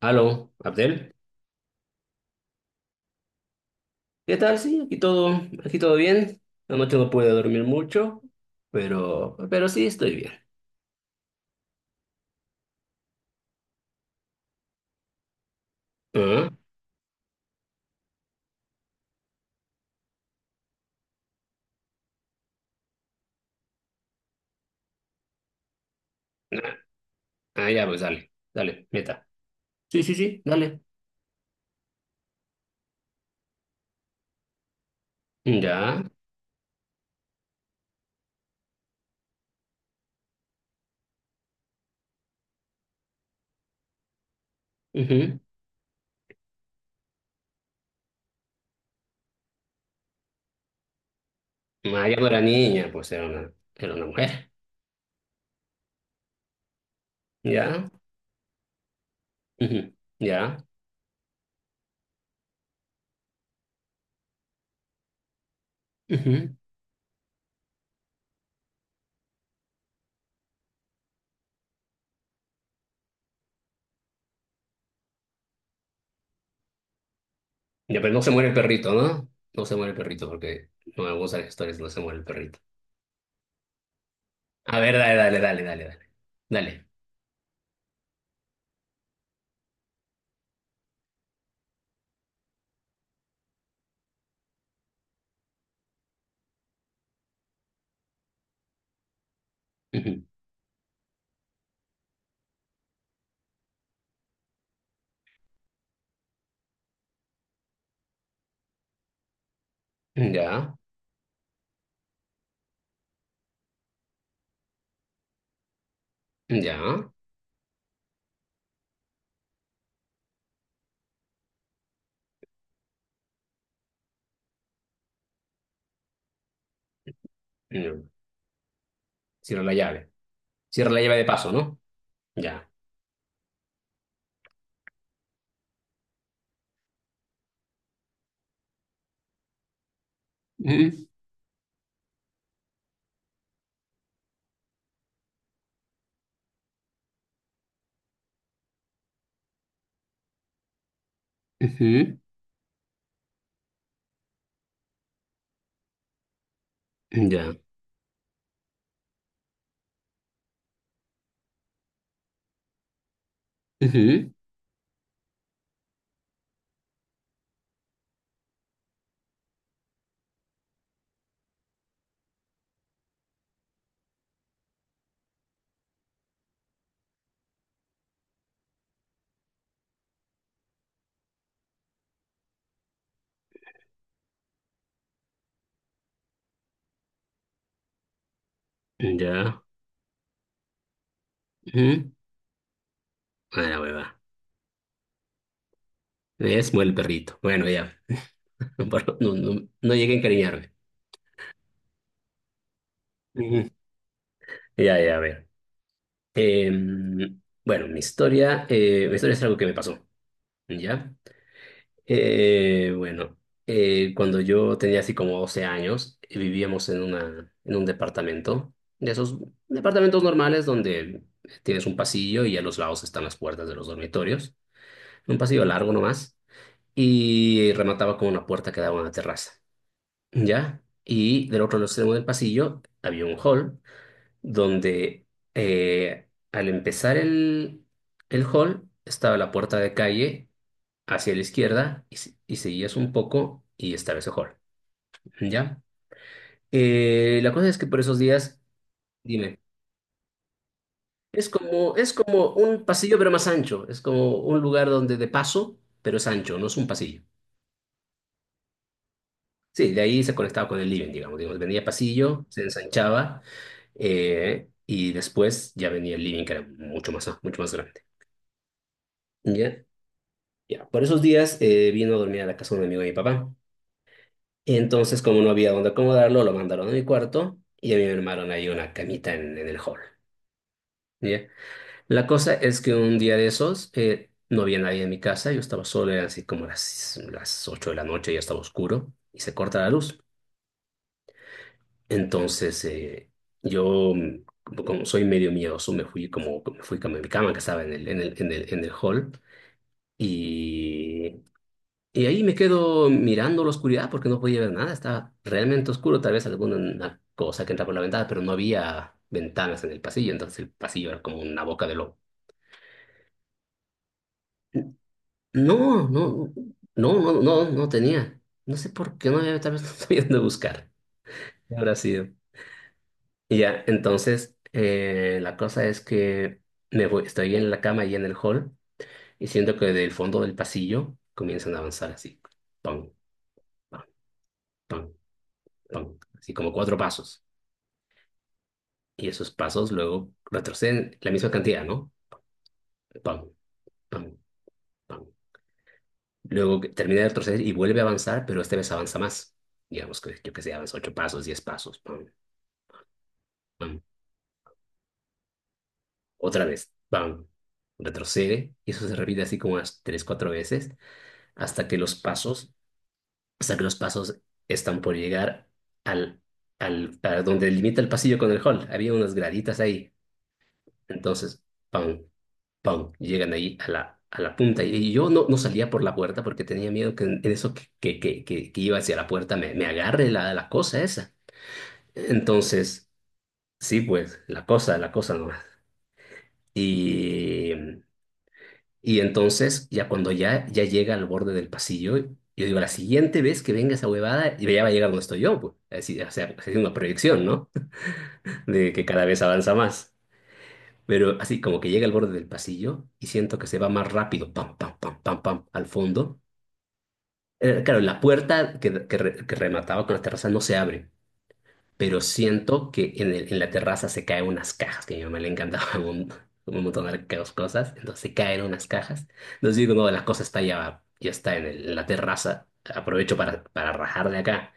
Aló, Abdel. ¿Qué tal? Sí, aquí todo bien. Anoche no pude dormir mucho, pero sí estoy bien. Ah, ah, ya, pues dale, dale, meta. Sí, sí, sí, dale. Ya. Ujú. Ah, ya no era niña, pues era una mujer. Ya. Ujú. Ya. Ujú. Ya, pero no se muere el perrito, ¿no? No se muere el perrito porque no me gustan las historias, no se muere el perrito. A ver, dale, dale, dale, dale, dale. Dale. Ujú. Ya, ya. Mm. Cierra la llave. Cierra la llave de paso, ¿no? Ya. Ujú, ujú. Ya. Ujú. Ya. Ujú. Ah, la hueva. Es muere el perrito. Bueno, ya. No, no, no llegué a encariñarme. Ujú. Ya, ya, a ver. Bueno, mi historia es algo que me pasó. ¿Ya? Bueno, cuando yo tenía así como 12 años, vivíamos en una, en un departamento, de esos departamentos normales donde tienes un pasillo y a los lados están las puertas de los dormitorios. Un pasillo largo nomás, y remataba con una puerta que daba a una terraza, ¿ya? Y del otro extremo del pasillo había un hall donde, al empezar el, hall estaba la puerta de calle hacia la izquierda y, y seguías un poco y estaba ese hall, ¿ya? La cosa es que por esos días, dime, es como un pasillo pero más ancho, es como un lugar donde de paso, pero es ancho, no es un pasillo. Sí, de ahí se conectaba con el living, digamos. Digamos, venía pasillo, se ensanchaba, y después ya venía el living, que era mucho más grande. ¿Ya? Ya. Por esos días, vino a dormir a la casa de un amigo de mi papá. Entonces, como no había dónde acomodarlo, lo mandaron a mi cuarto y a mí me armaron ahí una camita en el hall. ¿Ya? La cosa es que un día de esos, no había nadie en mi casa, yo estaba solo, eran así como las 8 de la noche, ya estaba oscuro y se corta la luz. Entonces, yo, como soy medio miedoso, me fui a mi cama que estaba en el hall y, y, ahí me quedo mirando la oscuridad porque no podía ver nada, estaba realmente oscuro, tal vez alguna una cosa que entra por la ventana, pero no había ventanas en el pasillo, entonces el pasillo era como una boca de lobo. No, no, no, no, no, no tenía. No sé por qué no había, tal vez no estoy de buscar. ¿Qué habrá sido? Y ya, entonces, la cosa es que me voy, estoy en la cama y en el hall y siento que del fondo del pasillo comienzan a avanzar así, pam, pam, pam, pam, así como cuatro pasos. Y esos pasos luego retroceden la misma cantidad, ¿no? Pam, pam, pam. Luego que termina de retroceder y vuelve a avanzar, pero esta vez avanza más. Digamos que yo que sé, avanza 8 pasos, 10 pasos, pam, pam. Otra vez, pam, retrocede y eso se repite así como unas tres, cuatro veces hasta que los pasos hasta que los pasos están por llegar al, a donde limita el pasillo con el hall. Había unas graditas ahí. Entonces, pam, pam, llegan ahí a la, punta. Y, y yo no salía por la puerta porque tenía miedo que en eso que iba hacia la puerta me agarre la, la cosa esa. Entonces, sí, pues, la cosa nomás. Y Y entonces, ya cuando ya llega al borde del pasillo, yo digo, la siguiente vez que venga esa huevada, y ya va a llegar donde estoy yo, pues. Así, o sea, haciendo una proyección, ¿no? De que cada vez avanza más. Pero así como que llega al borde del pasillo y siento que se va más rápido, pam, pam, pam, pam, pam, al fondo. Claro, la puerta que remataba con la terraza no se abre. Pero siento que en la terraza se caen unas cajas, que a mi mamá le encantaban un montón de cosas, entonces se caen unas cajas. Entonces digo, no, la cosa está ya está en la terraza, aprovecho para rajar de acá.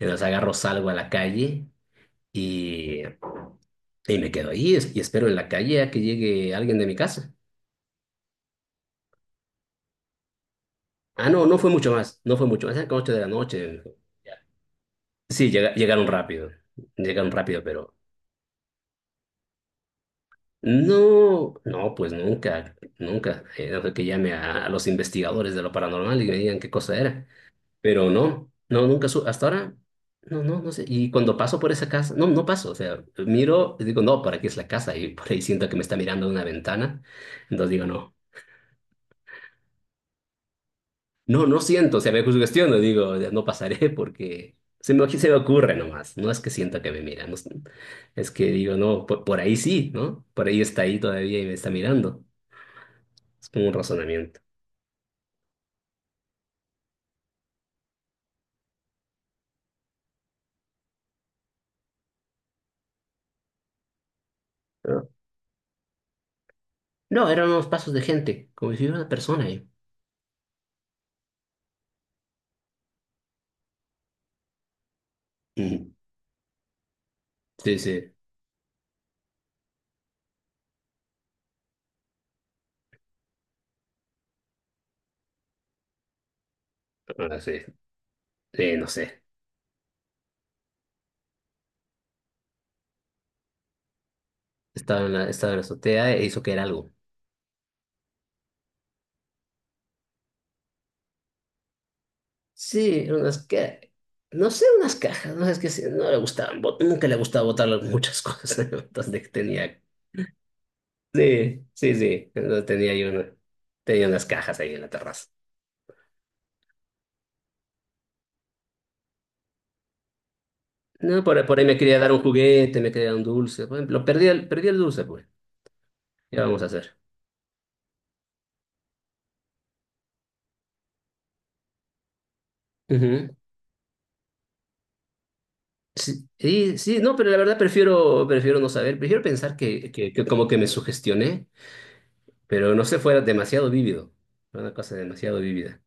Entonces agarro, salgo a la calle y, y me quedo ahí y espero en la calle a que llegue alguien de mi casa. Ah, no, no fue mucho más, no fue mucho más, eran como 8 de la noche. Ya. Sí, llegaron rápido, pero... No, no, pues nunca, nunca. Era de que llame a los investigadores de lo paranormal y me digan qué cosa era. Pero no, no, nunca, hasta ahora, no, no, no sé. Y cuando paso por esa casa, no, no paso. O sea, miro y digo, no, ¿para aquí es la casa? Y por ahí siento que me está mirando de una ventana. Entonces digo, no, no, no siento. O sea, me sugestiono, digo, no pasaré porque se me ocurre nomás. No es que sienta que me mira, no es que digo, no, por ahí sí, ¿no? Por ahí está ahí todavía y me está mirando. Es como un razonamiento. ¿No? No, eran unos pasos de gente, como si hubiera una persona ahí. Ujú. Sí, sí, ahora sí, sí, no sé. Estaba en la azotea e hizo que era algo. Sí, eran unas que, no sé, unas cajas, no sé, es que sí, no le gustaban, nunca le gustaba botar muchas cosas, entonces tenía... Sí, sí, sí, entonces tenía yo tenía unas cajas ahí en la terraza. No, por ahí me quería dar un juguete, me quería dar un dulce, por ejemplo, perdí el dulce, pues, ¿qué vamos a hacer? Ujú. Sí, sí, sí, no, pero la verdad prefiero no saber, prefiero pensar que, que como que me sugestioné, pero no se fuera demasiado vívido, fue una cosa demasiado vívida.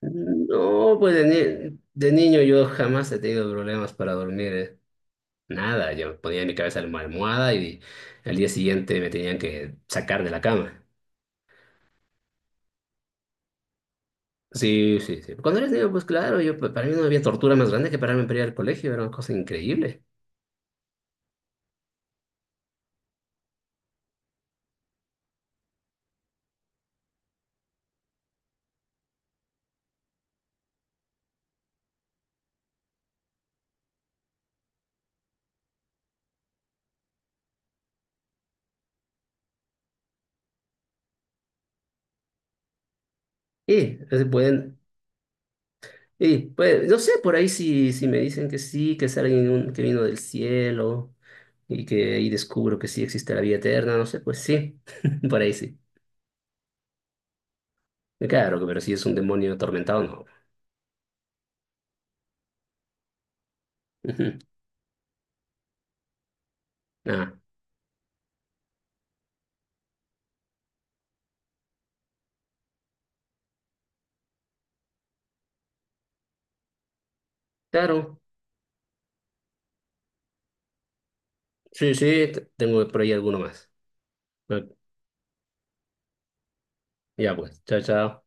No, pues de niño yo jamás he tenido problemas para dormir. Nada, yo ponía en mi cabeza en la almohada y al día siguiente me tenían que sacar de la cama. Sí, sí, sí. Cuando eres niño, pues claro, yo, para mí no había tortura más grande que pararme para ir al colegio, era una cosa increíble. Y se pueden, Y pues, no sé, por ahí si me dicen que sí, que es alguien que vino del cielo y que ahí descubro que sí existe la vida eterna, no sé, pues sí, por ahí sí. Claro, pero si es un demonio atormentado, no. Ujú. Ah, claro, sí, sí, tengo por ahí alguno más. Ah, Ya pues, chao, chao.